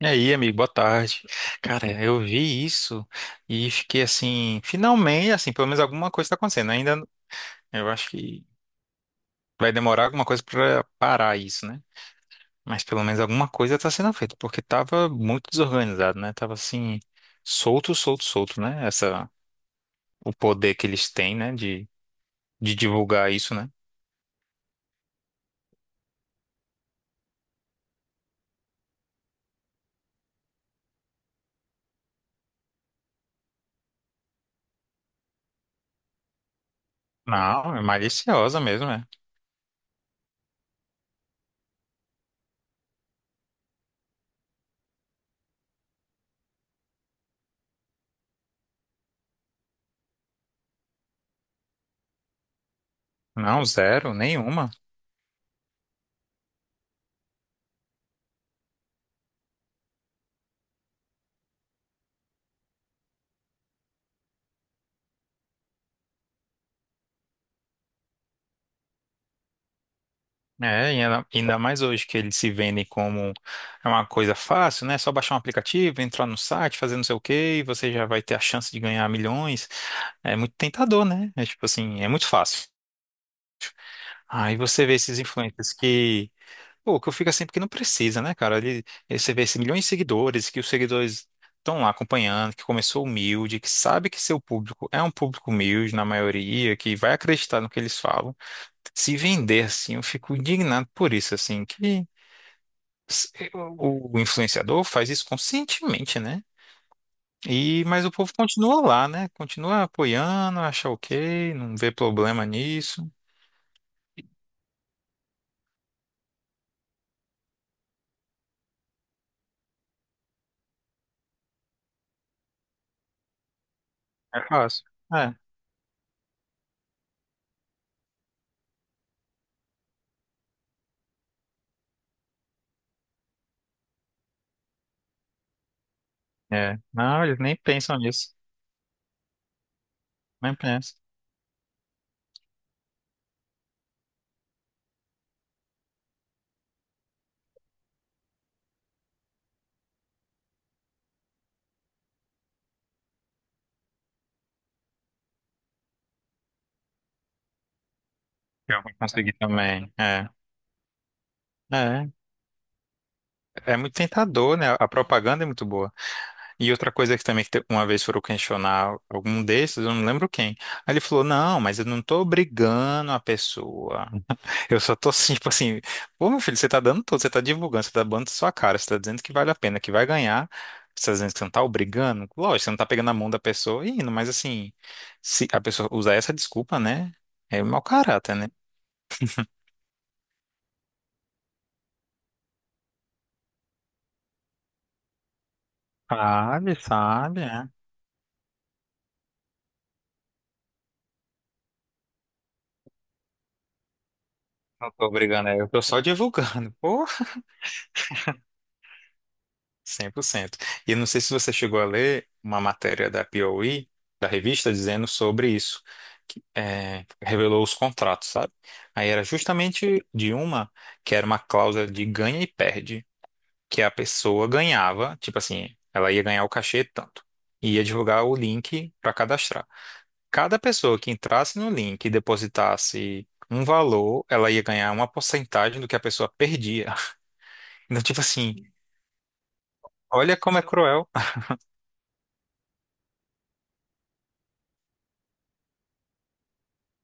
E aí, amigo, boa tarde. Cara, eu vi isso e fiquei assim, finalmente, assim, pelo menos alguma coisa está acontecendo. Ainda eu acho que vai demorar alguma coisa para parar isso, né? Mas pelo menos alguma coisa está sendo feita, porque tava muito desorganizado, né? Tava assim, solto, solto, solto, né? O poder que eles têm, né, de divulgar isso, né? Não, é maliciosa mesmo, é. Não, zero, nenhuma. É, e ainda mais hoje que eles se vendem como é uma coisa fácil, né? É só baixar um aplicativo, entrar no site, fazer não sei o quê, e você já vai ter a chance de ganhar milhões. É muito tentador, né? É tipo assim, é muito fácil. Aí você vê esses influencers que, pô, que eu fico assim porque não precisa, né, cara? Você vê esses milhões de seguidores, que os seguidores estão lá acompanhando, que começou humilde, que sabe que seu público é um público humilde na maioria, que vai acreditar no que eles falam. Se vender assim, eu fico indignado por isso, assim, que o influenciador faz isso conscientemente, né? E, mas o povo continua lá, né? Continua apoiando, acha ok, não vê problema nisso. É fácil. É, é. Não, eles nem pensam nisso. Nem pensam. Eu vou conseguir também. É. É, é muito tentador, né? A propaganda é muito boa. E outra coisa que também uma vez foram questionar algum desses, eu não lembro quem. Aí ele falou: não, mas eu não tô obrigando a pessoa. Eu só tô assim, tipo assim, pô, meu filho, você tá dando tudo, você tá divulgando, você tá dando sua cara, você tá dizendo que vale a pena, que vai ganhar, você tá dizendo que você não tá obrigando, lógico, você não tá pegando a mão da pessoa e indo, mas assim, se a pessoa usar essa desculpa, né, é mau caráter, né? Sabe, sabe, é. Não tô obrigando, é, eu tô só divulgando, pô. 100%. E eu não sei se você chegou a ler uma matéria da POE, da revista, dizendo sobre isso, que é, revelou os contratos, sabe? Aí era justamente de uma que era uma cláusula de ganha e perde, que a pessoa ganhava, tipo assim, ela ia ganhar o cachê tanto, e ia divulgar o link para cadastrar. Cada pessoa que entrasse no link e depositasse um valor, ela ia ganhar uma porcentagem do que a pessoa perdia. Então, tipo assim, olha como é cruel.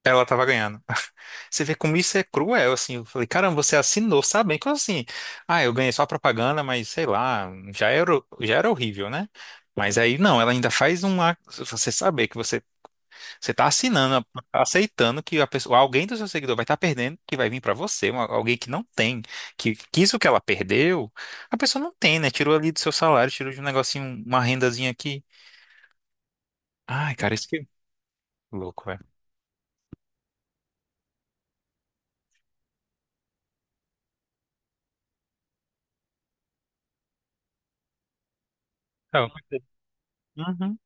Ela tava ganhando. Você vê como isso é cruel, assim. Eu falei, caramba, você assinou, sabe? Então, assim, ah, eu ganhei só propaganda, mas sei lá, já era horrível, né? Mas aí, não, ela ainda faz uma. Você saber que você, você tá assinando, aceitando que a pessoa, alguém do seu seguidor vai estar perdendo, que vai vir para você, alguém que não tem, que isso que ela perdeu, a pessoa não tem, né? Tirou ali do seu salário, tirou de um negocinho, uma rendazinha aqui. Ai, cara, isso que é louco, velho. Então, uhum.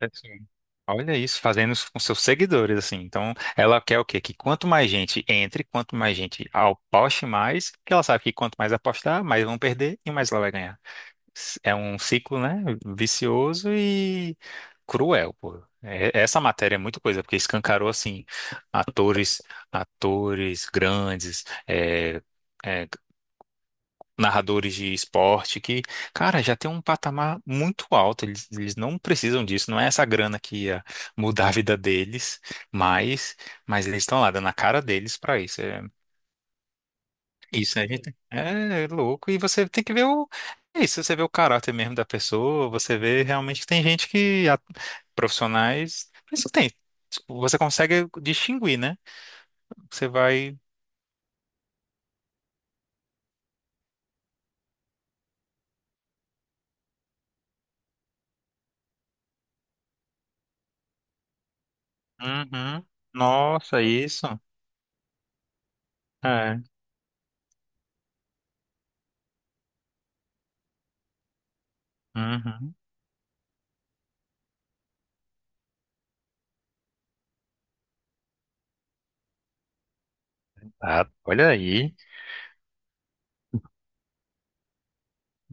É assim. Olha isso, fazendo isso com seus seguidores, assim. Então, ela quer o quê? Que quanto mais gente entre, quanto mais gente aposte mais, porque ela sabe que quanto mais apostar, mais vão perder e mais ela vai ganhar. S- é um ciclo, né? Vicioso e cruel, pô. É, essa matéria é muita coisa, porque escancarou, assim, atores, atores grandes, é, narradores de esporte que, cara, já tem um patamar muito alto. Eles não precisam disso, não é essa grana que ia mudar a vida deles, mas, mas eles estão lá dando a cara deles pra isso. É, isso a gente é louco, e você tem que ver o, é isso, você vê o caráter mesmo da pessoa, você vê realmente que tem gente profissionais, isso tem. Tipo, você consegue distinguir, né? Você vai Uhum. Nossa, isso. É. Uhum. Ah, olha aí.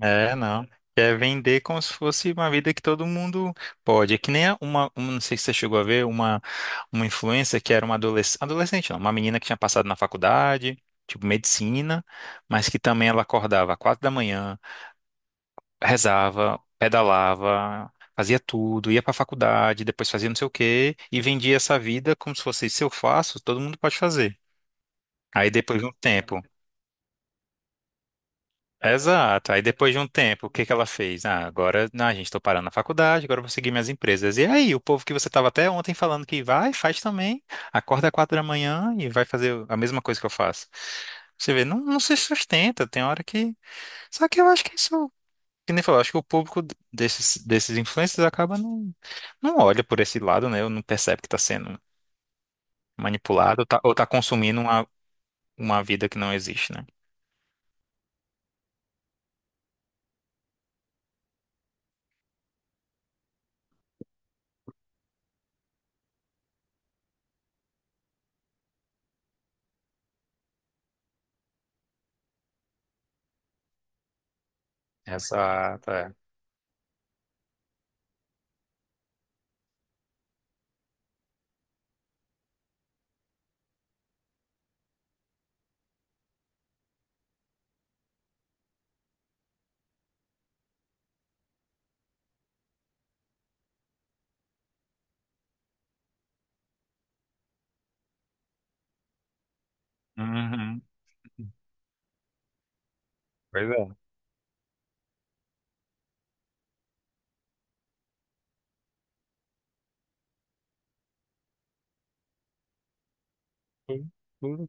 É, não. É vender como se fosse uma vida que todo mundo pode. É que nem não sei se você chegou a ver, uma influencer que era uma adolescente, adolescente não, uma menina que tinha passado na faculdade, tipo medicina, mas que também ela acordava às quatro da manhã, rezava, pedalava, fazia tudo, ia pra faculdade, depois fazia não sei o quê, e vendia essa vida como se fosse, se eu faço, todo mundo pode fazer. Aí depois de um tempo. Exato. Aí depois de um tempo, o que que ela fez? Ah, agora, não, gente, estou parando na faculdade, agora eu vou seguir minhas empresas. E aí, o povo que você estava até ontem falando que vai, faz também, acorda às quatro da manhã e vai fazer a mesma coisa que eu faço. Você vê, não, não se sustenta, tem hora que. Só que eu acho que isso, que nem falou, acho que o público desses influencers acaba não, não olha por esse lado, né? Ou não percebe que está sendo manipulado ou tá, consumindo uma vida que não existe, né? Exato, é. Uhum. Pois é. Uhum.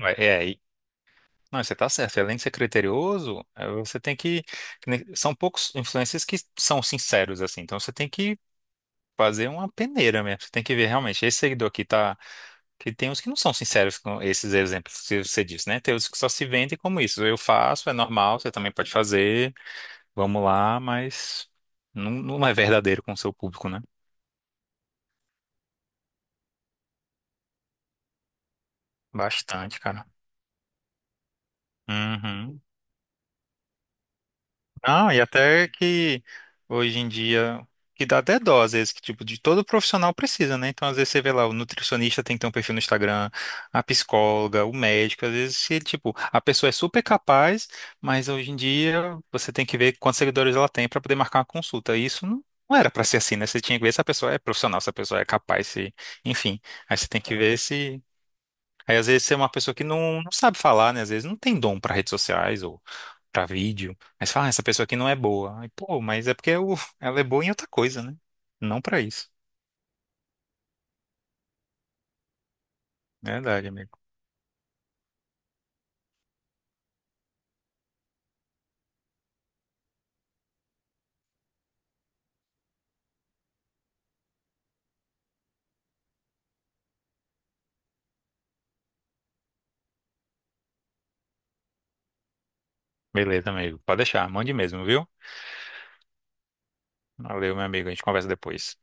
Ué, não, você tá certo. Além de ser criterioso, é, você tem que. São poucos influencers que são sinceros, assim. Então você tem que fazer uma peneira mesmo. Você tem que ver realmente. Esse seguidor aqui tá. Que tem uns que não são sinceros com esses exemplos que você disse, né? Tem os que só se vendem como isso. Eu faço, é normal, você também pode fazer. Vamos lá, mas não, não é verdadeiro com o seu público, né? Bastante, cara. Uhum. Não, e até que hoje em dia, que dá até dó, às vezes, que tipo, de todo profissional precisa, né? Então, às vezes, você vê lá, o nutricionista tem que ter um perfil no Instagram, a psicóloga, o médico, às vezes, se, tipo, a pessoa é super capaz, mas hoje em dia você tem que ver quantos seguidores ela tem para poder marcar uma consulta. E isso não, não era para ser assim, né? Você tinha que ver se a pessoa é profissional, se a pessoa é capaz, se, enfim. Aí você tem que ver se. Aí, às vezes, você é uma pessoa que não, não sabe falar, né? Às vezes, não tem dom para redes sociais para vídeo. Mas fala, ah, essa pessoa aqui não é boa. Aí, pô, ela é boa em outra coisa, né? Não para isso. Verdade, amigo. Beleza, amigo. Pode deixar, mande mesmo, viu? Valeu, meu amigo. A gente conversa depois.